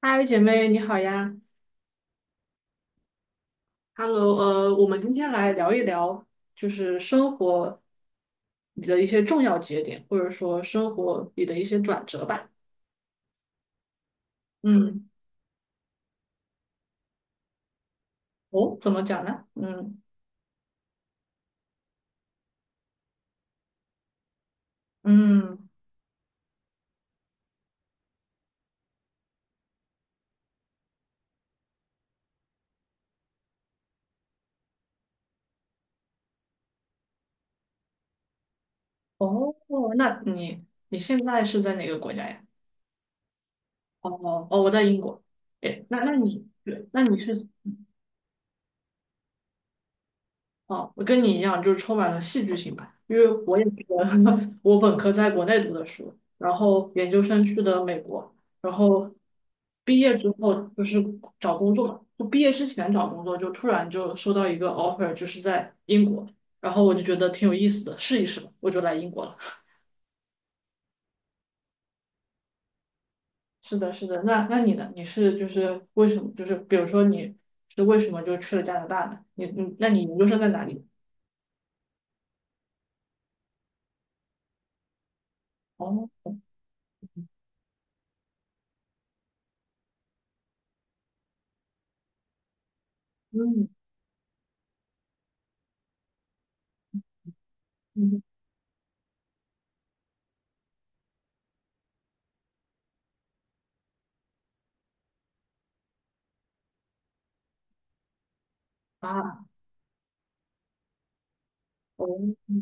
嗨，姐妹，你好呀！Hello，我们今天来聊一聊，就是生活里的一些重要节点，或者说生活里的一些转折吧。嗯。哦，怎么讲呢？嗯嗯。哦，那你现在是在哪个国家呀？哦哦，我在英国。诶，那你对，那你是。哦，我跟你一样，就是充满了戏剧性吧，因为我也是个 我本科在国内读的书，然后研究生去的美国，然后毕业之后就是找工作嘛，就毕业之前找工作，就突然就收到一个 offer，就是在英国，然后我就觉得挺有意思的，试一试吧，我就来英国了。是的，是的，那你呢？你是就是为什么？就是比如说你是为什么就去了加拿大呢？那你研究生在哪里？哦，嗯嗯啊，哦。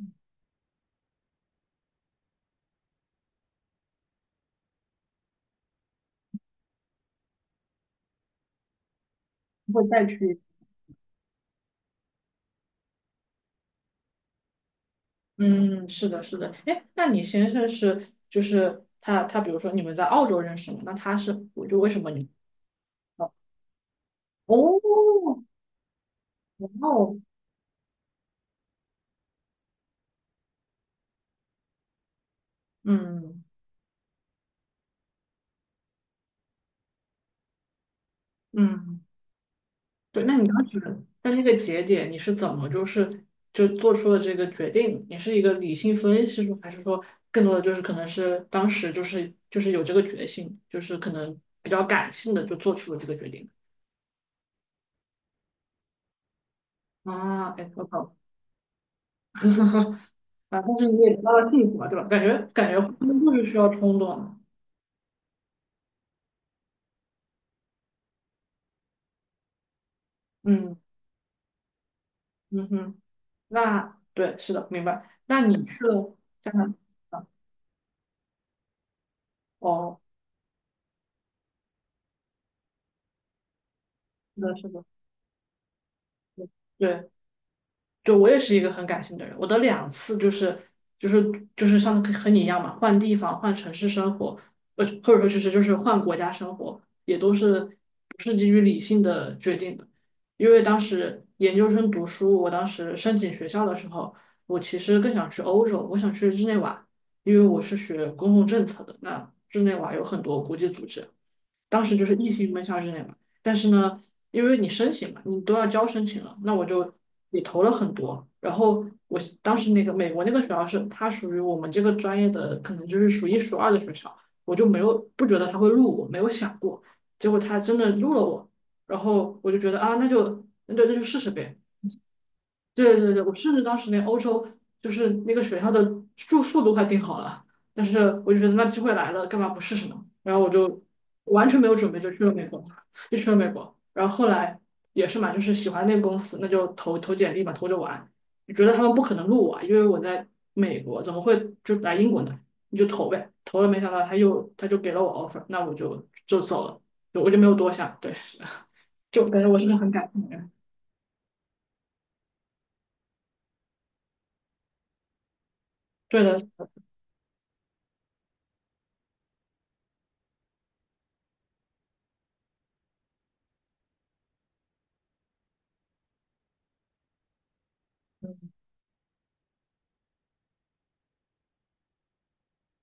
会再去。嗯，是的，是的。哎，那你先生是就是他，比如说你们在澳洲认识嘛？那他是，我就为什么你？哦哦。哇哦。嗯嗯。对。那你当时在那个节点，你是怎么就是就做出了这个决定？你是一个理性分析出，还是说更多的就是可能是当时就是有这个决心，就是可能比较感性的就做出了这个决定？啊，哎，我懂。啊，但是你也得到了幸福嘛，对吧？感觉婚姻就是需要冲动的。嗯。嗯哼。那对，是的，明白。那你去了加拿大。哦，是的，是的，对，对，就我也是一个很感性的人，我的两次就是就是像和你一样嘛，换地方、换城市生活，或者说换国家生活，也都是基于理性的决定的。因为当时研究生读书，我当时申请学校的时候，我其实更想去欧洲，我想去日内瓦，因为我是学公共政策的，那日内瓦有很多国际组织，当时就是异性奔向之内嘛。但是呢，因为你申请嘛，你都要交申请了，那我就也投了很多。然后我当时那个美国那个学校是它属于我们这个专业的，可能就是数一数二的学校，我就没有不觉得他会录我，没有想过。结果他真的录了我，然后我就觉得啊，那就试试呗。对对对，我甚至当时连欧洲就是那个学校的住宿都快订好了，但是我就觉得那机会来了，干嘛不试试呢？然后我就完全没有准备就去了美国，就去了美国。然后后来也是嘛，就是喜欢那个公司，那就投投简历嘛，投着玩。就觉得他们不可能录我啊，因为我在美国，怎么会就来英国呢？你就投呗，投了没想到他就给了我 offer，那我就走了，就我就没有多想，对。就感觉我是个很感性的人。对的。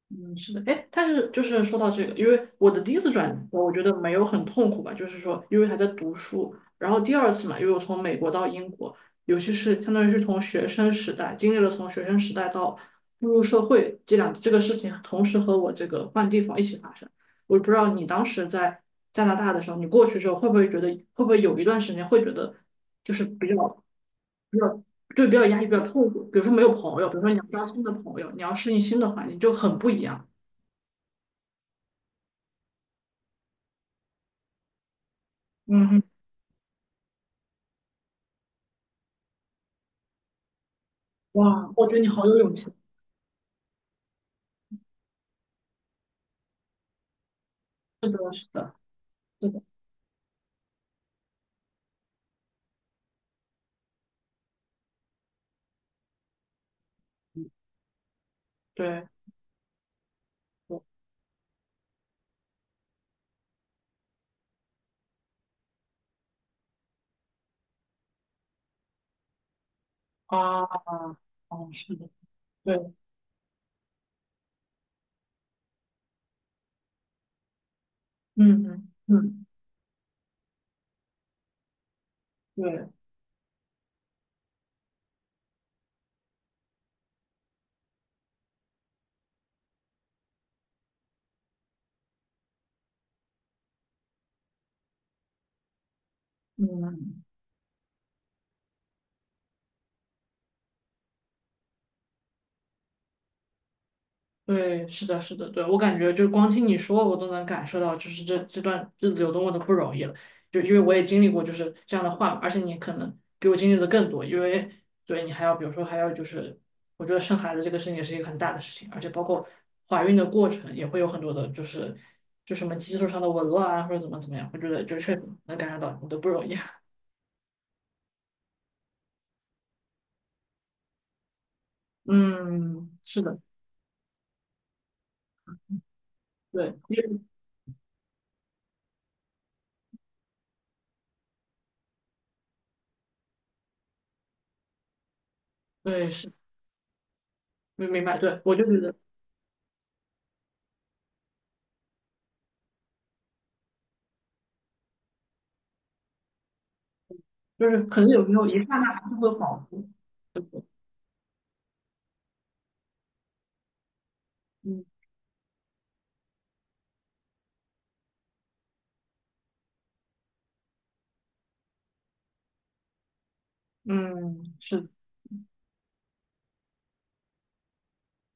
嗯，是的。哎，但是就是说到这个，因为我的第一次转学我觉得没有很痛苦吧，就是说，因为还在读书，然后第二次嘛，因为我从美国到英国，尤其是相当于是从学生时代经历了从学生时代到步入社会这个事情，同时和我这个换地方一起发生。我不知道你当时在加拿大的时候，你过去之后会不会觉得，会不会有一段时间会觉得就是比较对比较压抑、比较痛苦，比如说没有朋友，比如说你要交新的朋友，你要适应新的环境，就很不一样。嗯哼。哇，我觉得你好有勇气。是的，是的，对，我啊，哦，是的，对，嗯嗯嗯，对，嗯。对，是的，是的，对，我感觉就光听你说，我都能感受到，就是这段日子有多么的不容易了。就因为我也经历过就是这样的话嘛，而且你可能比我经历的更多，因为对你还要，比如说还要就是，我觉得生孩子这个事情也是一个很大的事情，而且包括怀孕的过程也会有很多的，就什么激素上的紊乱啊，或者怎么怎么样，我觉得就确实能感受到你的不容易。嗯，是的，对。因为对是，明明白，对，我就觉得。就是可能有时候一刹那就会恍惚，就对？嗯嗯。是。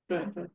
对对。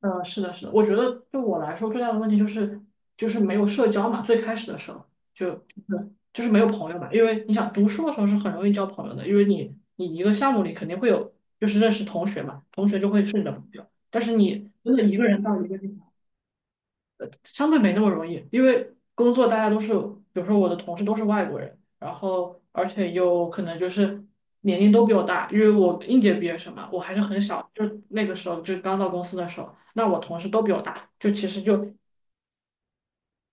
是的，是的，我觉得对我来说最大的问题就是没有社交嘛，最开始的时候就是没有朋友嘛，因为你想读书的时候是很容易交朋友的，因为你一个项目里肯定会有就是认识同学嘛，同学就会是你的朋友，但是你真的一个人到一个地方。相对没那么容易，因为工作大家都是，比如说我的同事都是外国人，然后而且又可能就是年龄都比我大，因为我应届毕业生嘛，我还是很小，就那个时候就刚到公司的时候，那我同事都比我大，就其实就。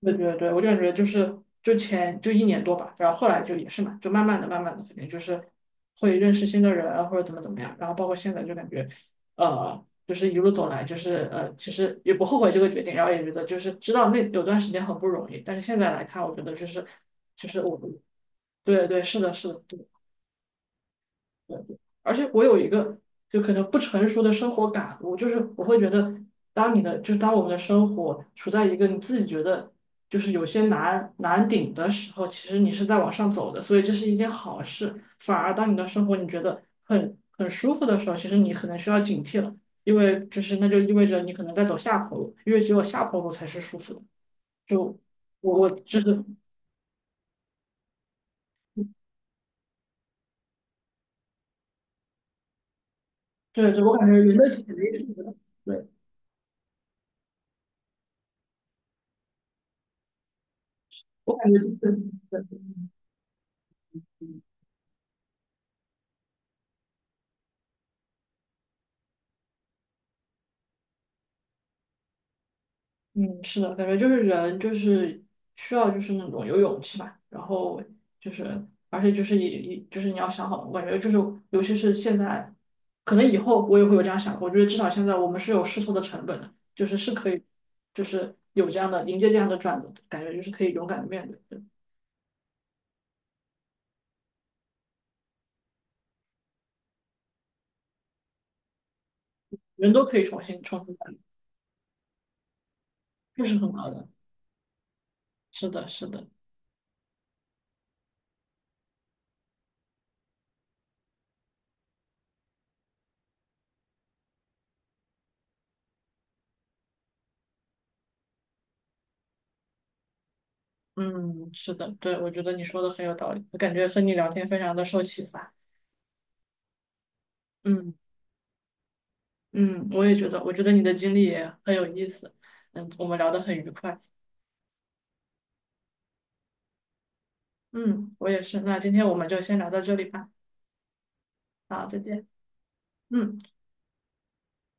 对对对，我就感觉就是就前就一年多吧，然后后来就也是嘛，就慢慢的、慢慢的，肯定就是会认识新的人啊或者怎么怎么样，然后包括现在就感觉，就是一路走来，其实也不后悔这个决定，然后也觉得就是知道那有段时间很不容易，但是现在来看，我觉得就是我。对对，是的，是的。而且我有一个就可能不成熟的生活感悟，就是我会觉得，当你的就是当我们的生活处在一个你自己觉得就是有些难顶的时候，其实你是在往上走的，所以这是一件好事。反而当你的生活你觉得很舒服的时候，其实你可能需要警惕了，因为就是那就意味着你可能在走下坡路，因为只有下坡路才是舒服的。就我就是。对对，我感觉人的潜意识，对我感觉就是。嗯，是的，感觉就是人就是需要就是那种有勇气吧，然后就是而且就是也就是你要想好，我感觉就是尤其是现在，可能以后我也会有这样想，我觉得至少现在我们是有试错的成本的，就是是可以就是有这样的迎接这样的转折感觉就是可以勇敢的面对，对。人都可以重新重新来，这是很好的。是的，是的。嗯，是的，对，我觉得你说的很有道理，我感觉和你聊天非常的受启发。嗯。嗯，我觉得你的经历也很有意思。嗯，我们聊得很愉快。嗯，我也是。那今天我们就先聊到这里吧。好，再见。嗯。